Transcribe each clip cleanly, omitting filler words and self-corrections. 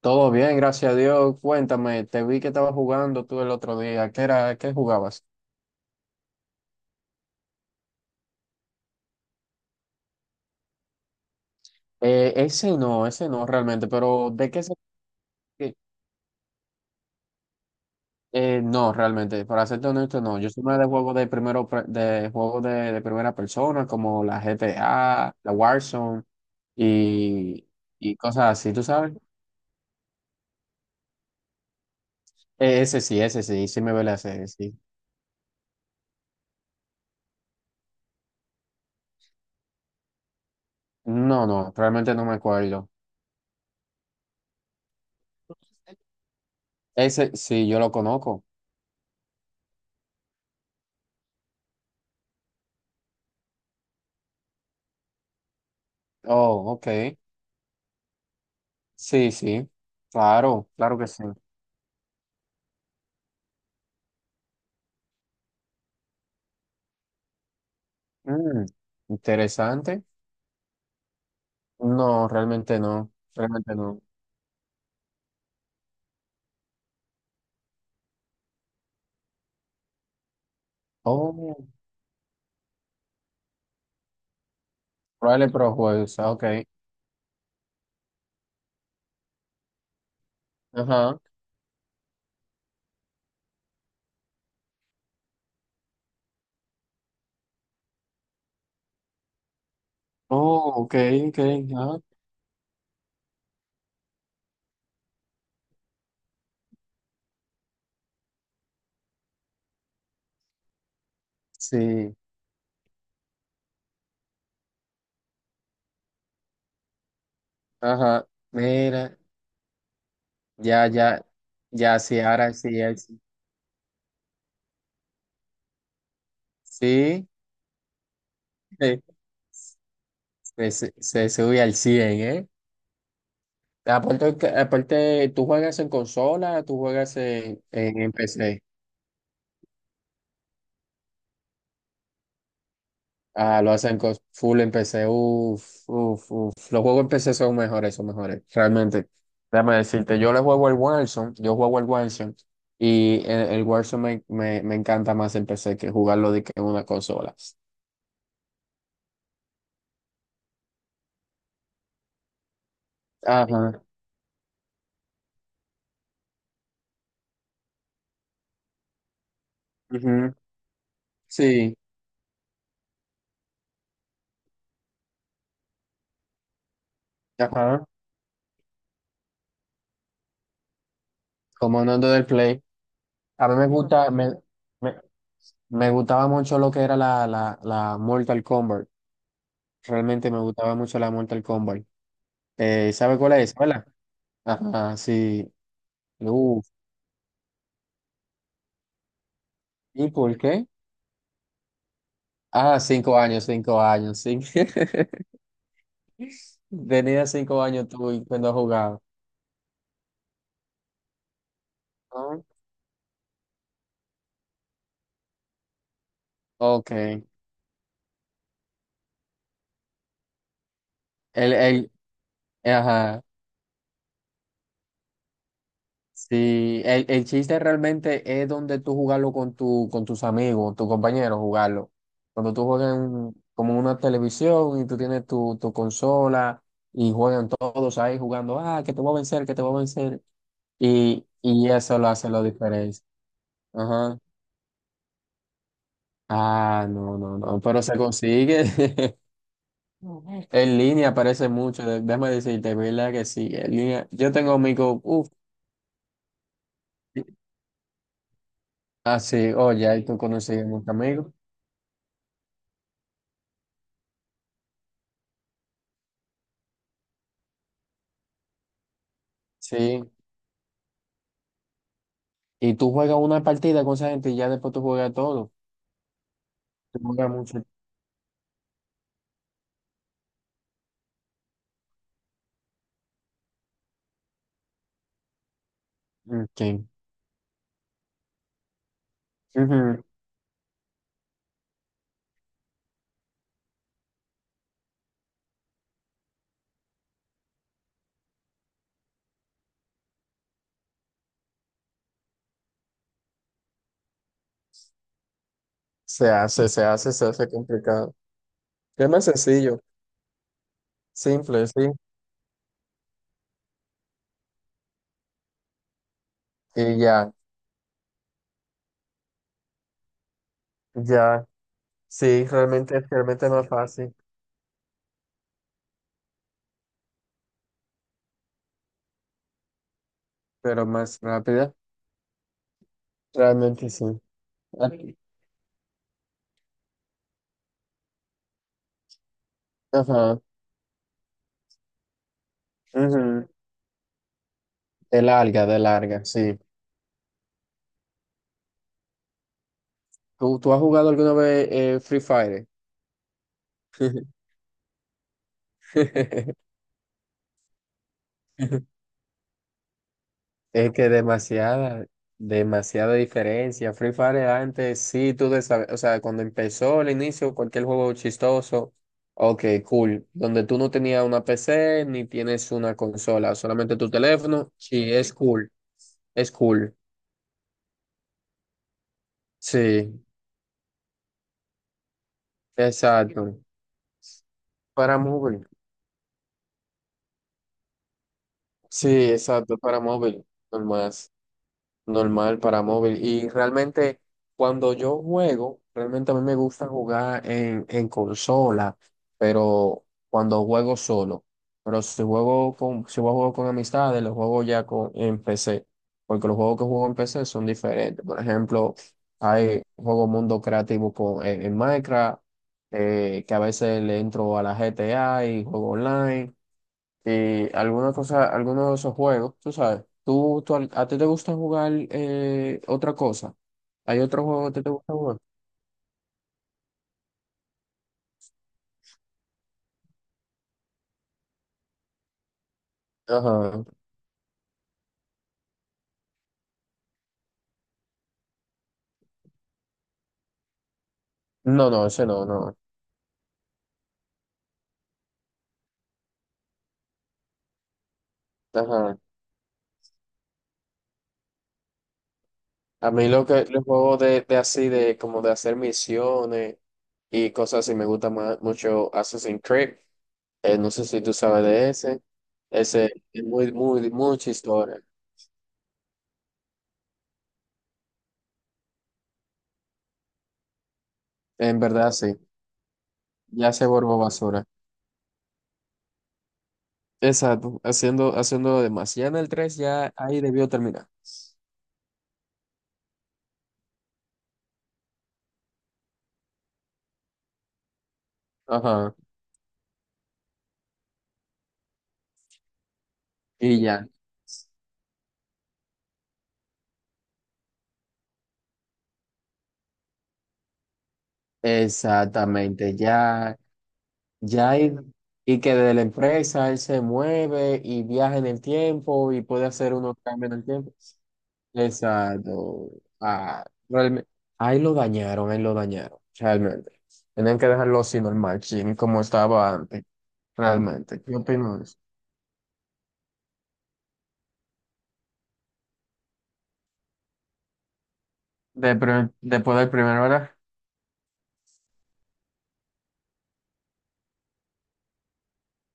Todo bien, gracias a Dios. Cuéntame, te vi que estabas jugando tú el otro día. ¿Qué era? ¿Qué jugabas? Ese no realmente, pero ¿de qué se... qué- no, realmente, para serte honesto, no. Yo soy más de juegos de primero pre- de juegos de primera persona, como la GTA, la Warzone y, y cosas así, ¿tú sabes? Sí me vele hacer, sí. No, no, realmente no me acuerdo. Ese sí, yo lo conozco. Oh, ok. Sí, sí, claro, claro que sí. Mm, interesante. No, realmente no, realmente no. Oh, Rally Pro Juegos, ah, ok. Ajá. Oh, ok, ok, ajá. Sí, ajá. Mira, ya, ya, ya, sí, ahora sí, ahí sí. Sí, eh, se sube al 100, ¿eh? Aparte, que- aparte, ¿tú juegas en consola? ¿Tú juegas en, en PC? Ah, lo hacen con full en PC. Uf, uf, uf. Los juegos en PC son mejores, son mejores. Realmente. Déjame decirte, yo le juego el Warzone, yo juego el Warzone y el Warzone me encanta más en PC que jugarlo de que en una consola. Ajá. Ujú. Sí. Ajá. Comandando del Play. A mí me gusta, me, me gustaba mucho lo que era la Mortal Kombat. Realmente me gustaba mucho la Mortal Kombat. ¿Sabe cuál es? ¿Verdad? Ajá, sí. Uh, ¿y por qué? Ah, cinco años, sí. Tenía cinco años tú y cuando jugaba. Ah, ok. El, ajá. Sí, el chiste realmente es donde tú jugarlo con tu, con tus amigos, tus compañeros, jugarlo. Cuando tú juegas en, como una televisión y tú tienes tu, tu consola y juegan todos ahí jugando, ah, que te voy a vencer, que te voy a vencer. Y eso lo hace la diferencia. Ajá. Ah, no, no, no, pero se consigue. En línea aparece mucho, de- déjame decirte, verdad que sí, en línea. Yo tengo amigos, uff, así, oye, ahí tú conoces muchos amigos, sí. Y tú juegas una partida con esa gente y ya después tú juegas todo. Tú juegas mucho. Ok. Ujú. Se hace, se hace, se hace complicado. Es más sencillo, simple, sí. Y ya, ya, sí, realmente, realmente más fácil, pero más rápida. Realmente sí. Ajá. Ujú. De larga, sí. ¿Tú, tú has jugado alguna vez Free Fire? Es que demasiada, demasiada diferencia. Free Fire antes, sí, tú de saber- o sea, cuando empezó el inicio, cualquier juego chistoso, ok, cool, donde tú no tenías una PC ni tienes una consola, solamente tu teléfono, sí, es cool, sí, exacto, para móvil, sí, exacto, para móvil, normal. Normal para móvil. Y realmente cuando yo juego, realmente a mí me gusta jugar en consola, pero cuando juego solo. Pero si juego con, si juego con amistades, los juego ya con, en PC, porque los juegos que juego en PC son diferentes. Por ejemplo, hay juego mundo creativo con, en Minecraft, que a veces le entro a la GTA y juego online alguna cosa, alguno de esos juegos, tú sabes, a ti te gusta jugar otra cosa. ¿Hay otro juego que a ti te gusta jugar? Ajá. No, no, ese no, no. Ajá. A mí lo que los juegos de así de como de hacer misiones y cosas así me gusta más mucho Assassin's Creed. No sé si tú sabes de ese. Ese es muy, muy, mucha historia. En verdad, sí. Ya se volvió basura. Exacto. Haciendo, haciendo demás. Ya en el 3 ya ahí debió terminar. Ajá. Y ya. Exactamente, ya, ya y, y que de la empresa él se mueve y viaja en el tiempo y puede hacer unos cambios en el tiempo. Exacto. Ah, realme- ahí lo dañaron, realmente. Tenían que dejarlo así normal, chin, como estaba antes, realmente. ¿Qué opino de eso? De pri- después del primero, ¿verdad?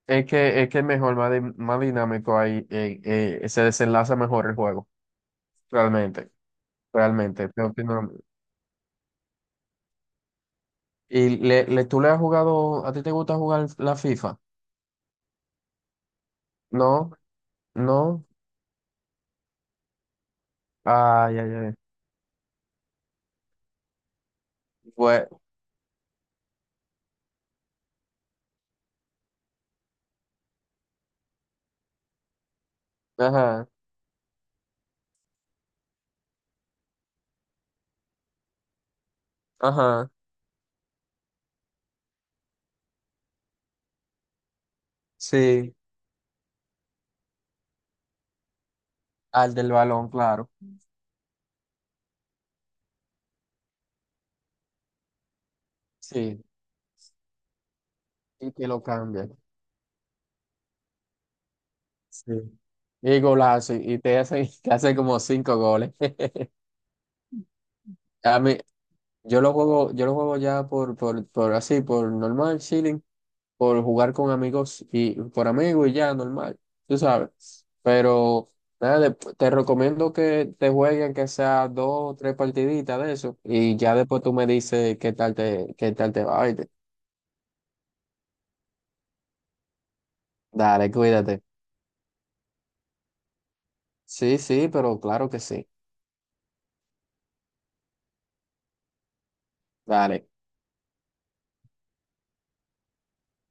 Es que mejor, más, di- más dinámico ahí, se desenlaza mejor el juego, realmente. Realmente yo opino lo mismo. ¿Y tú le has jugado, a ti te gusta jugar la FIFA? No, no. Ay, ay, ay. Bueno, ajá, ajá, sí, al del balón, claro. Sí, y que lo cambia. Sí. Y golazo, y te hace, te hace como cinco goles. A mí, yo lo juego ya por así, por normal, chilling. Por jugar con amigos y por amigos y ya, normal, tú sabes. Pero nada, después te recomiendo que te jueguen que sea dos o tres partiditas de eso y ya después tú me dices qué tal te va, ¿oíste? Dale, cuídate. Sí, sí, pero claro que sí. Dale.